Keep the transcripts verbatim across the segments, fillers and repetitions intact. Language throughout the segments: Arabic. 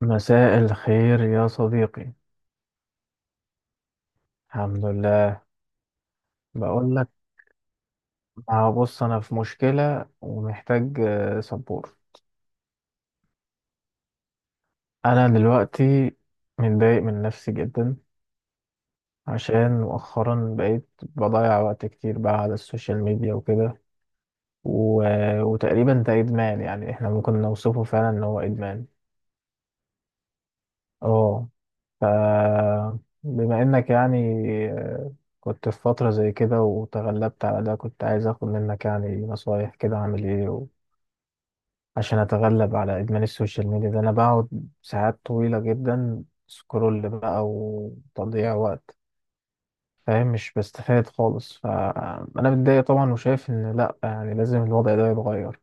مساء الخير يا صديقي. الحمد لله. بقول لك، ما بص، انا في مشكلة ومحتاج آه، سبورت. انا دلوقتي متضايق من نفسي جدا عشان مؤخرا بقيت بضيع وقت كتير بقى على السوشيال ميديا وكده، و... وتقريبا ده ادمان، يعني احنا ممكن نوصفه فعلا ان هو ادمان. اه. ف بما انك يعني آه، كنت في فترة زي كده وتغلبت على ده، كنت عايز اخد منك يعني نصايح كده اعمل ايه عشان اتغلب على ادمان السوشيال ميديا ده. انا بقعد ساعات طويلة جدا سكرول بقى وتضييع وقت، فاهم؟ مش بستفاد خالص، فانا متضايق طبعا وشايف ان لا، يعني لازم الوضع ده يتغير.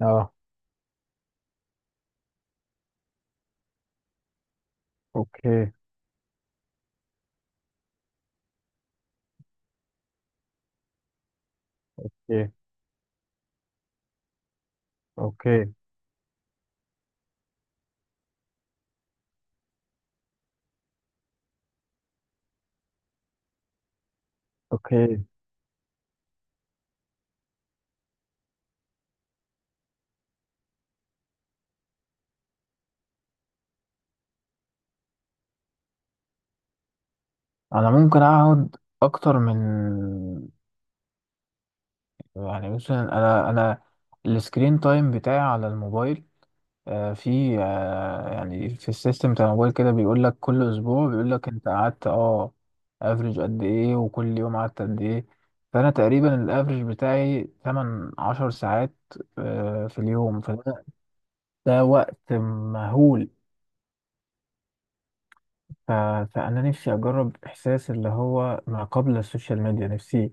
اه. اوكي. اوكي. اوكي. اوكي. انا ممكن اقعد اكتر من، يعني مثلا انا انا السكرين تايم بتاعي على الموبايل، آه، في آه، يعني في السيستم بتاع الموبايل كده بيقول لك كل اسبوع، بيقول لك انت قعدت اه افريج قد ايه وكل يوم قعدت قد ايه. فانا تقريبا الافريج بتاعي ثمانية عشرة ساعات آه، في اليوم. فده ده وقت مهول. ف- فانا نفسي اجرب احساس اللي هو ما قبل السوشيال ميديا. نفسي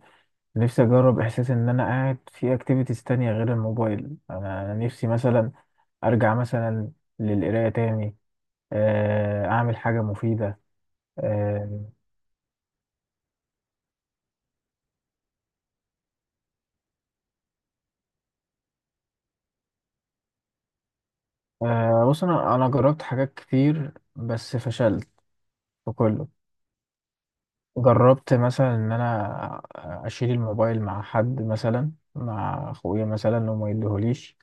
نفسي اجرب احساس ان انا قاعد في اكتيفيتيز تانية غير الموبايل. انا أنا نفسي مثلا ارجع مثلا للقراية تاني، آه، اعمل حاجه مفيده. آه، آه، بص، انا انا جربت حاجات كتير بس فشلت في كله. جربت مثلا ان انا اشيل الموبايل مع حد، مثلا مع اخويا مثلا، انه ما يديهوليش،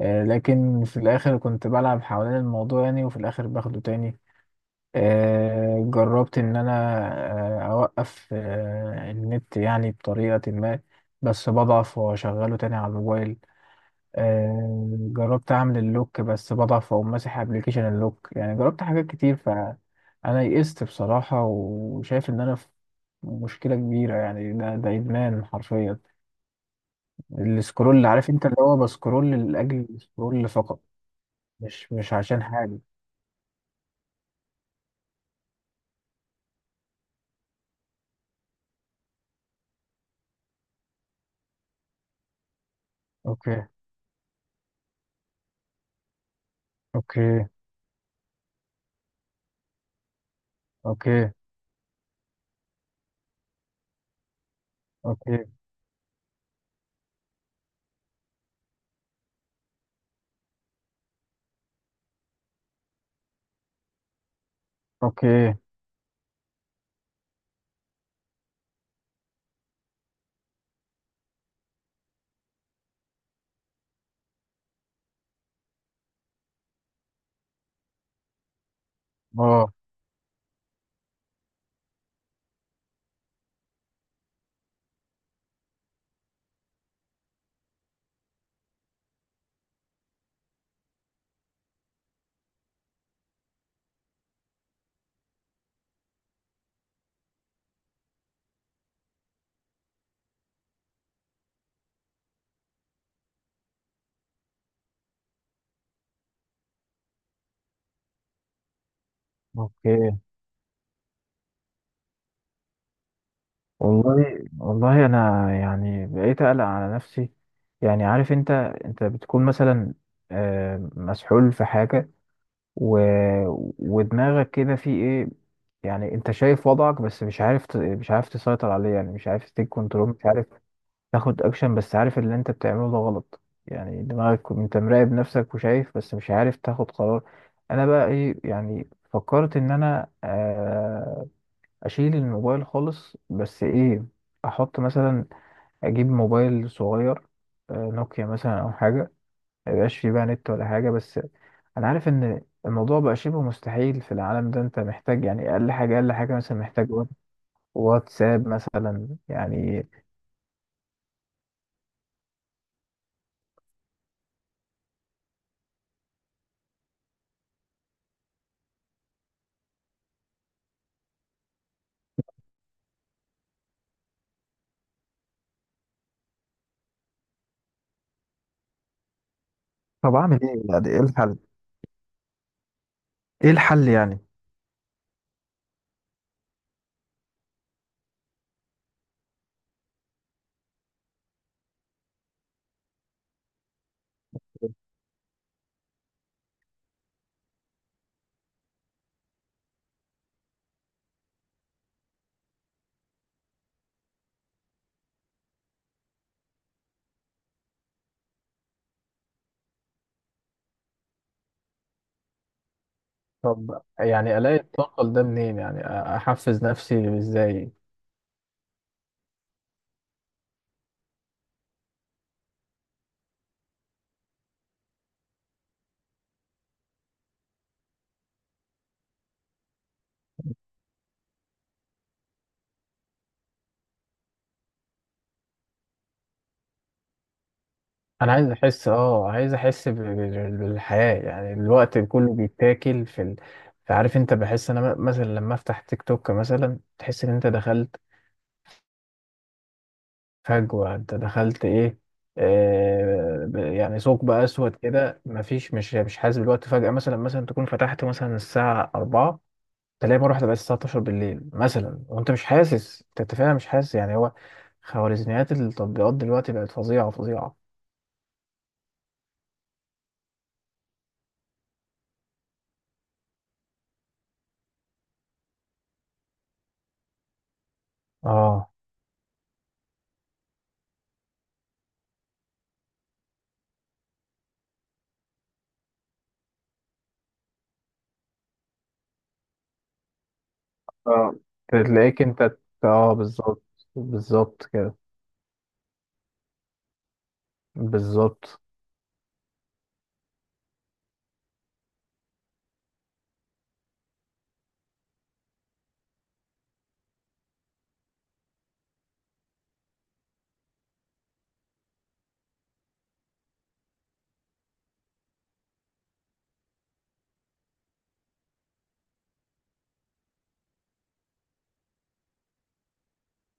آه، لكن في الاخر كنت بلعب حوالين الموضوع يعني، وفي الاخر باخده تاني. آه، جربت ان انا آه، اوقف آه، النت يعني بطريقه ما، بس بضعف واشغله تاني على الموبايل. آه، جربت اعمل اللوك بس بضعف، او ماسح ابلكيشن اللوك، يعني جربت حاجات كتير فانا يئست بصراحة، وشايف ان انا في مشكلة كبيرة. يعني ده ده ادمان حرفيا، السكرول، عارف انت اللي هو بسكرول لاجل السكرول فقط، مش مش عشان حاجة. اوكي. اوكي. اوكي. اوكي. اوكي. اه. اوكي. والله والله، انا يعني بقيت اقلق على نفسي. يعني عارف انت، انت بتكون مثلا آه، مسحول في حاجه و... ودماغك كده في ايه. يعني انت شايف وضعك بس مش عارف، ت... مش عارف تسيطر عليه، يعني مش عارف تيك كنترول، مش عارف تاخد اكشن، بس عارف اللي انت بتعمله ده غلط. يعني دماغك انت مراقب نفسك وشايف، بس مش عارف تاخد قرار. انا بقى ايه؟ يعني فكرت ان انا آه، اشيل الموبايل خالص، بس ايه، احط مثلا، اجيب موبايل صغير، آه، نوكيا مثلا او حاجه، ما يبقاش فيه بقى نت ولا حاجه. بس انا عارف ان الموضوع بقى شبه مستحيل في العالم ده، انت محتاج يعني اقل حاجه، اقل حاجه مثلا، محتاج وات- واتساب مثلا يعني. طب اعمل ايه؟ يعني ايه الحل؟ ايه الحل يعني؟ طب يعني الاقي الطاقه ده منين؟ يعني أ- احفز نفسي ازاي؟ انا عايز احس، اه عايز احس ب- ب- بالحياة. يعني الوقت كله بيتاكل. في ال... فعارف انت بحس انا م- مثلا لما افتح تيك توك مثلا تحس ان انت دخلت فجوة، انت دخلت ايه، آه ب- يعني ثقب اسود كده، مفيش، مش مش حاسس بالوقت. فجأة مثلا مثلا تكون فتحت مثلا الساعة اربعة تلاقي مرة واحدة بقت الساعة الثانية عشرة بالليل مثلا، وانت مش حاسس. انت أنت فعلا مش حاسس يعني. هو خوارزميات التطبيقات دلوقتي بقت فظيعة فظيعة. اه. اه. تلاقيك انت. اه بالظبط. بالظبط كده. بالظبط.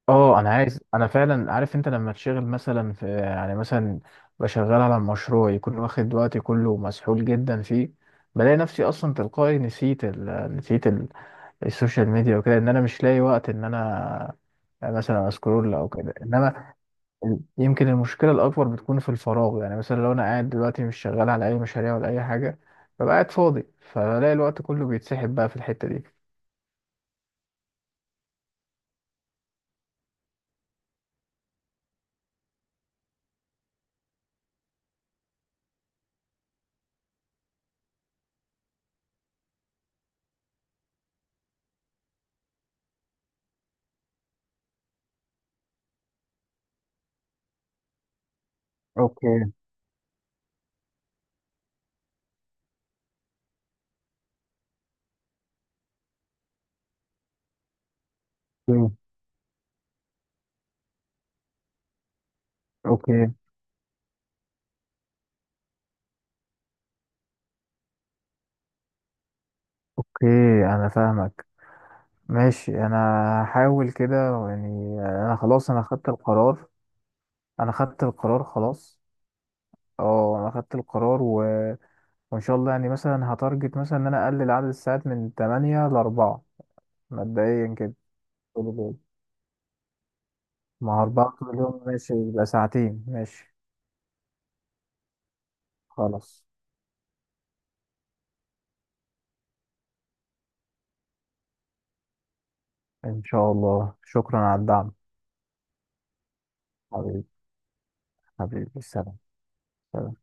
اه انا عايز. انا فعلا، عارف انت لما تشغل مثلا في، يعني مثلا بشغل على مشروع يكون واخد وقتي كله ومسحول جدا فيه، بلاقي نفسي اصلا تلقائي نسيت ال... نسيت ال... السوشيال ميديا وكده. ان انا مش لاقي وقت ان انا مثلا اسكرول او كده. انما يمكن المشكلة الأكبر بتكون في الفراغ، يعني مثلا لو أنا قاعد دلوقتي مش شغال على أي مشاريع ولا أي حاجة، ببقى قاعد فاضي فبلاقي الوقت كله بيتسحب بقى في الحتة دي. اوكي. اوكي. اوكي. اوكي. انا فاهمك، ماشي. انا هحاول كده يعني. انا خلاص، انا خدت القرار. انا خدت القرار خلاص. اه، انا خدت القرار و... وان شاء الله يعني مثلا هتارجت مثلا ان انا اقلل عدد الساعات من تمانية ل اربعة مبدئيا كده. حلو جدا. ما اربعة كل يوم ماشي، يبقى ساعتين ماشي. خلاص. إن شاء الله، شكرا على الدعم. حبيبي حبيبي. سلام. سلام.